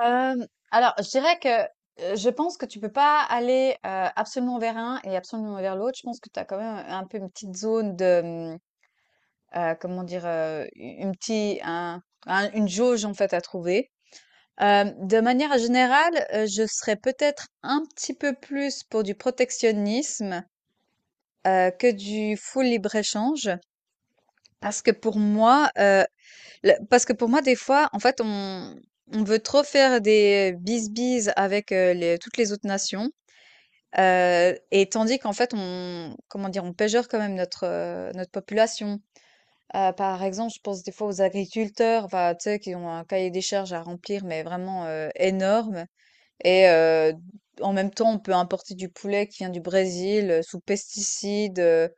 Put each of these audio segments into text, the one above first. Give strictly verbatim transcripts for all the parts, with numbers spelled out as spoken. Euh, alors, je dirais que euh, je pense que tu peux pas aller euh, absolument vers un et absolument vers l'autre. Je pense que tu as quand même un peu une petite zone de, hum, euh, comment dire, euh, une petite, un, un- une jauge en fait à trouver. Euh, de manière générale, euh, je serais peut-être un petit peu plus pour du protectionnisme euh, que du full libre-échange, parce que pour moi, euh, Le parce que pour moi, des fois, en fait, on on veut trop faire des bisbises avec, heu, les toutes les autres nations, heu et tandis qu'en fait, on comment dire? On pégeure quand même notre, heu, notre population. Heu, par exemple, je pense des fois aux agriculteurs, enfin, tu sais, qui ont un cahier des charges à remplir, mais vraiment, heu, énorme et heu, en même temps, on peut importer du poulet qui vient du Brésil, heu, sous pesticides, heu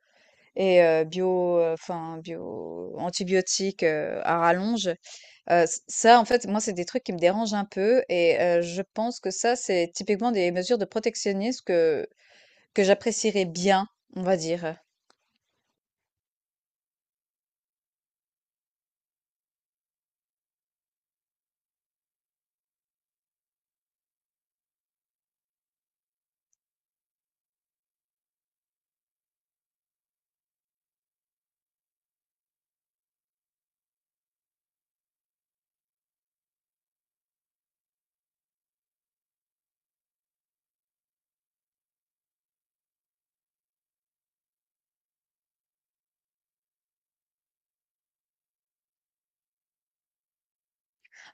et heu, bio, heu, enfin bio antibiotiques, heu, à rallonge. Heu, ç Ça, en fait, moi, c'est des trucs qui me dérangent un peu et heu, je pense que ça, c'est typiquement des mesures de protectionnisme que que j'apprécierais bien, on va dire.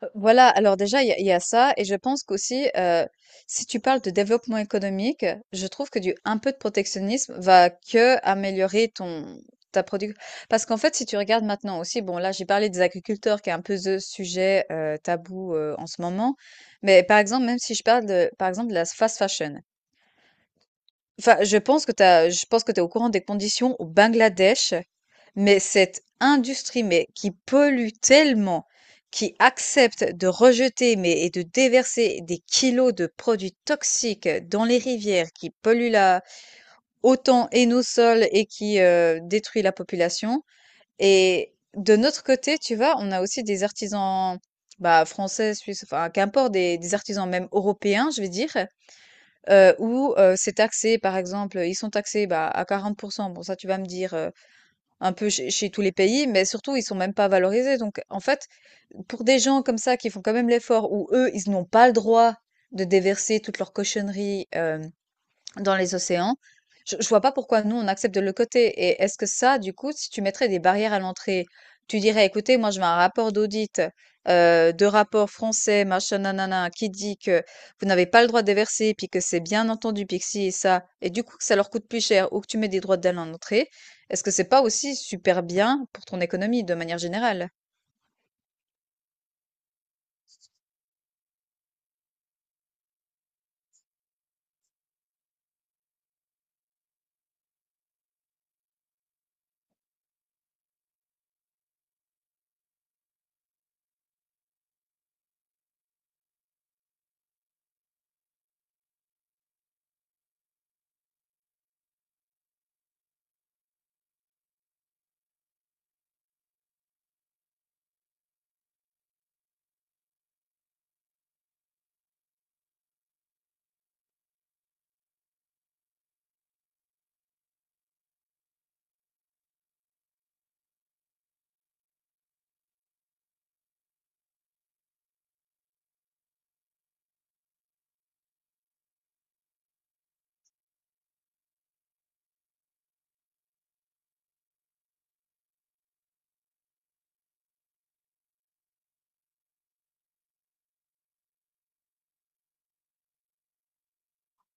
Heu, voilà, alors déjà, il y a il y a ça et je pense qu'aussi, heu, si tu parles de développement économique, je trouve que du un peu de protectionnisme va que améliorer ton ta produc Parce qu'en fait, si tu regardes maintenant aussi, bon, là, j'ai parlé des agriculteurs qui est un peu the sujet, heu, tabou, heu, en ce moment, mais par exemple, même si je parle de par exemple, de la fast fashion. Enfin, je pense que tu je pense que tu es au courant des conditions au Bangladesh, mais cette industrie, mais qui pollue tellement, qui accepte de rejeter, mais et de déverser des kilos de produits toxiques dans les rivières, qui polluent la, autant et nos sols et qui euh, détruit la population. Et de notre côté, tu vois, on a aussi des artisans bah, français, suisses, enfin, qu'importe, des, des artisans même européens, je vais dire. Heu, où, heu, c'est taxé, par exemple, ils sont taxés, bah, à quarante. Bon ça tu vas me dire, heu, un peu chez chez tous les pays, mais surtout ils sont même pas valorisés. Donc en fait, pour des gens comme ça qui font quand même l'effort, où eux, ils n'ont pas le droit de déverser toutes leurs cochonneries dans les océans. Je je vois pas pourquoi nous, on accepte de le côté et est-ce que ça, du coup, si tu mettrais des barrières à l'entrée, tu dirais: «Écoutez, moi, je veux un rapport d'audit, heu, de rapport français, machin, nanana, qui dit que vous n'avez pas le droit de déverser, puis que c'est bien entendu, puis que si et ça» et du coup, que ça leur coûte plus cher ou que tu mets des droits douane à l'entrée. Est-ce que c'est pas aussi super bien pour ton économie, de manière générale?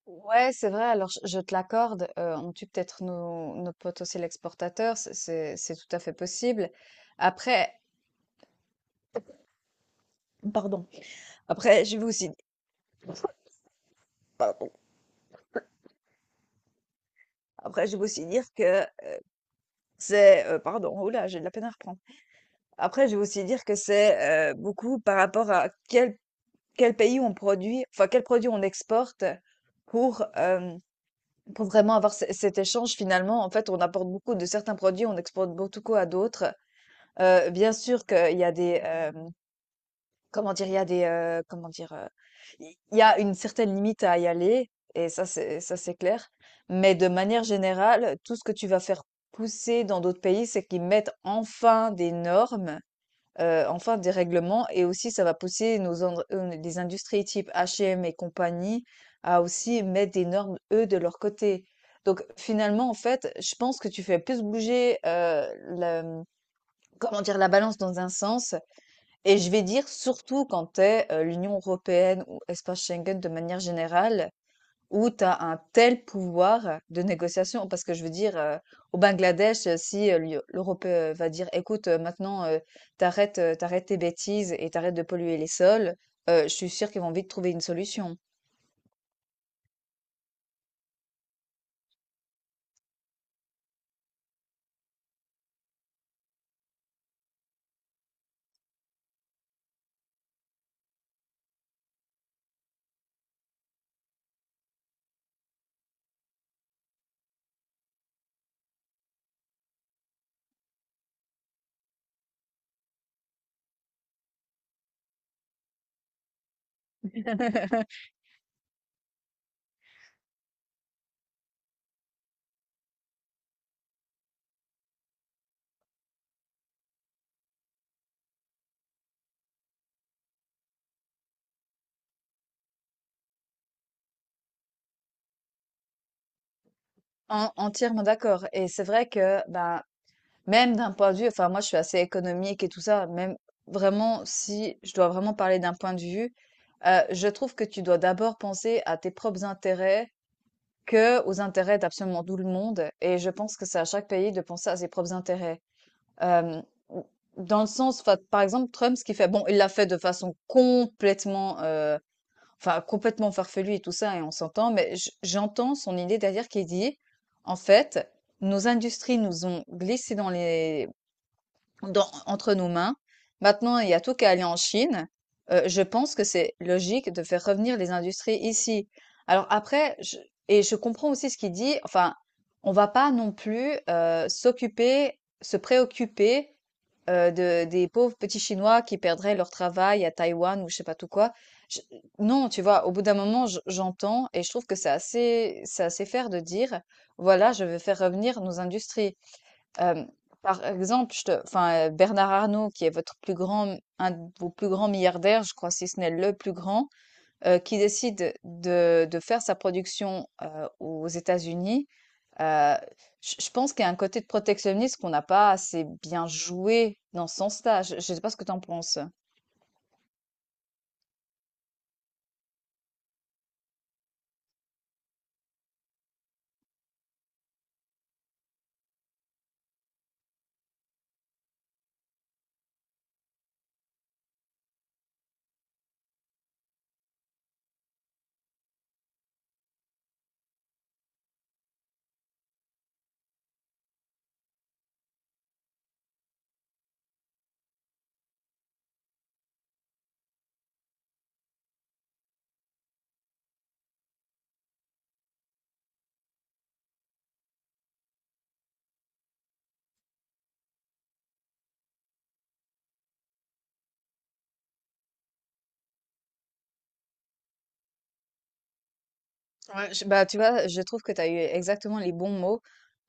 Ouais, c'est vrai, alors je je te l'accorde, heu, on tue peut-être nos nos potes aussi l'exportateur, c'est c'est c'est tout à fait possible. Après Pardon. Après, je vais aussi pardon. Après, je vais aussi dire que c'est, heu, pardon, oh là, j'ai de la peine à reprendre. Après, je vais aussi dire que c'est, heu, beaucoup par rapport à quel quel pays on produit, enfin, quel produit on exporte pour, hem, pour vraiment avoir ce cet échange finalement. En fait, on apporte beaucoup de certains produits, on exporte beaucoup à d'autres. Heu, bien sûr qu'il y a des, hem comment dire? Il y a des, heu, comment dire? Heu, il y a une certaine limite à y aller et ça c'est ça c'est clair. Mais de manière générale, tout ce que tu vas faire pousser dans d'autres pays, c'est qu'ils mettent enfin des normes, heu, enfin des règlements et aussi ça va pousser nos indr heu, les industries type H M et M et compagnie à aussi mettre des normes, eux, de leur côté. Donc finalement, en fait, je pense que tu fais plus bouger, heu, le, mmh, comment dire? La balance dans un sens et je vais dire surtout quand t'es es, l'Union européenne ou espace Schengen de manière générale, où t'as un tel pouvoir de négociation. Parce que je veux dire, heu, au Bangladesh, heu, si, heu, l'U l'Europe, heu, va dire: «Écoute, heu, maintenant, heu, t'arrêtes arrêtes, heu, tes bêtises et t'arrêtes de polluer les sols», heu, je suis sûre qu'ils vont vite trouver une solution. En entièrement d'accord et c'est vrai que, ben, même d'un point de vue enfin moi je suis assez économique et tout ça, même vraiment si je dois vraiment parler d'un point de vue, heu, je trouve que tu dois d'abord penser à tes propres intérêts que aux intérêts d'absolument tout le monde et je pense que c'est à chaque pays de penser à ses propres intérêts. Hem, mmh, Dans le sens enfin, par exemple, Trump, ce qu'il fait, bon, il l'a fait de façon complètement, heu, enfin complètement farfelue et tout ça et on s'entend, mais j j'entends son idée derrière qui dit: «En fait, nos industries nous ont glissé dans les dans- entre nos mains. Maintenant, il y a tout qu'à aller en Chine. Euh, je pense que c'est logique de faire revenir les industries ici. Alors après, je- et je comprends aussi ce qu'il dit, enfin, on va pas non plus euh, s'occuper, se préoccuper euh, de, des pauvres petits Chinois qui perdraient leur travail à Taïwan ou je sais pas tout quoi. Je- non, tu vois, au bout d'un moment, j- j'entends et je trouve que c'est assez, c'est assez fair de dire, voilà, je veux faire revenir nos industries. Hem, Par exemple, je te enfin, heu, Bernard Arnault qui est votre plus grand un de vos plus grands milliardaires, je crois, si ce n'est le plus grand, heu, qui décide de de faire sa production, heu, aux États-Unis, heu, je je pense qu'il y a un côté de protectionnisme qu'on n'a pas assez bien joué dans ce sens-là. Je ne sais pas ce que tu en penses? Ouais, je- bah, tu vois, je trouve que tu as eu exactement les bons mots.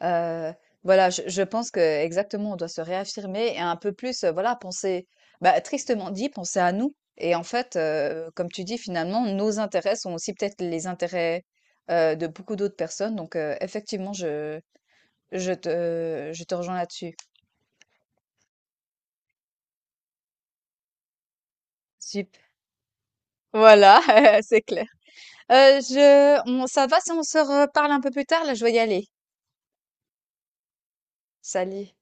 Euh, voilà, je, je pense que exactement, on doit se réaffirmer et un peu plus, euh, voilà, penser, bah, tristement dit, penser à nous. Et en fait, euh, comme tu dis, finalement, nos intérêts sont aussi peut-être les intérêts euh, de beaucoup d'autres personnes. Donc, euh, effectivement, je, je te, je te rejoins là-dessus. Sup- Voilà, c'est clair. Euh, je, on, ça va si on se reparle un peu plus tard? Là, je vais y aller. Salut.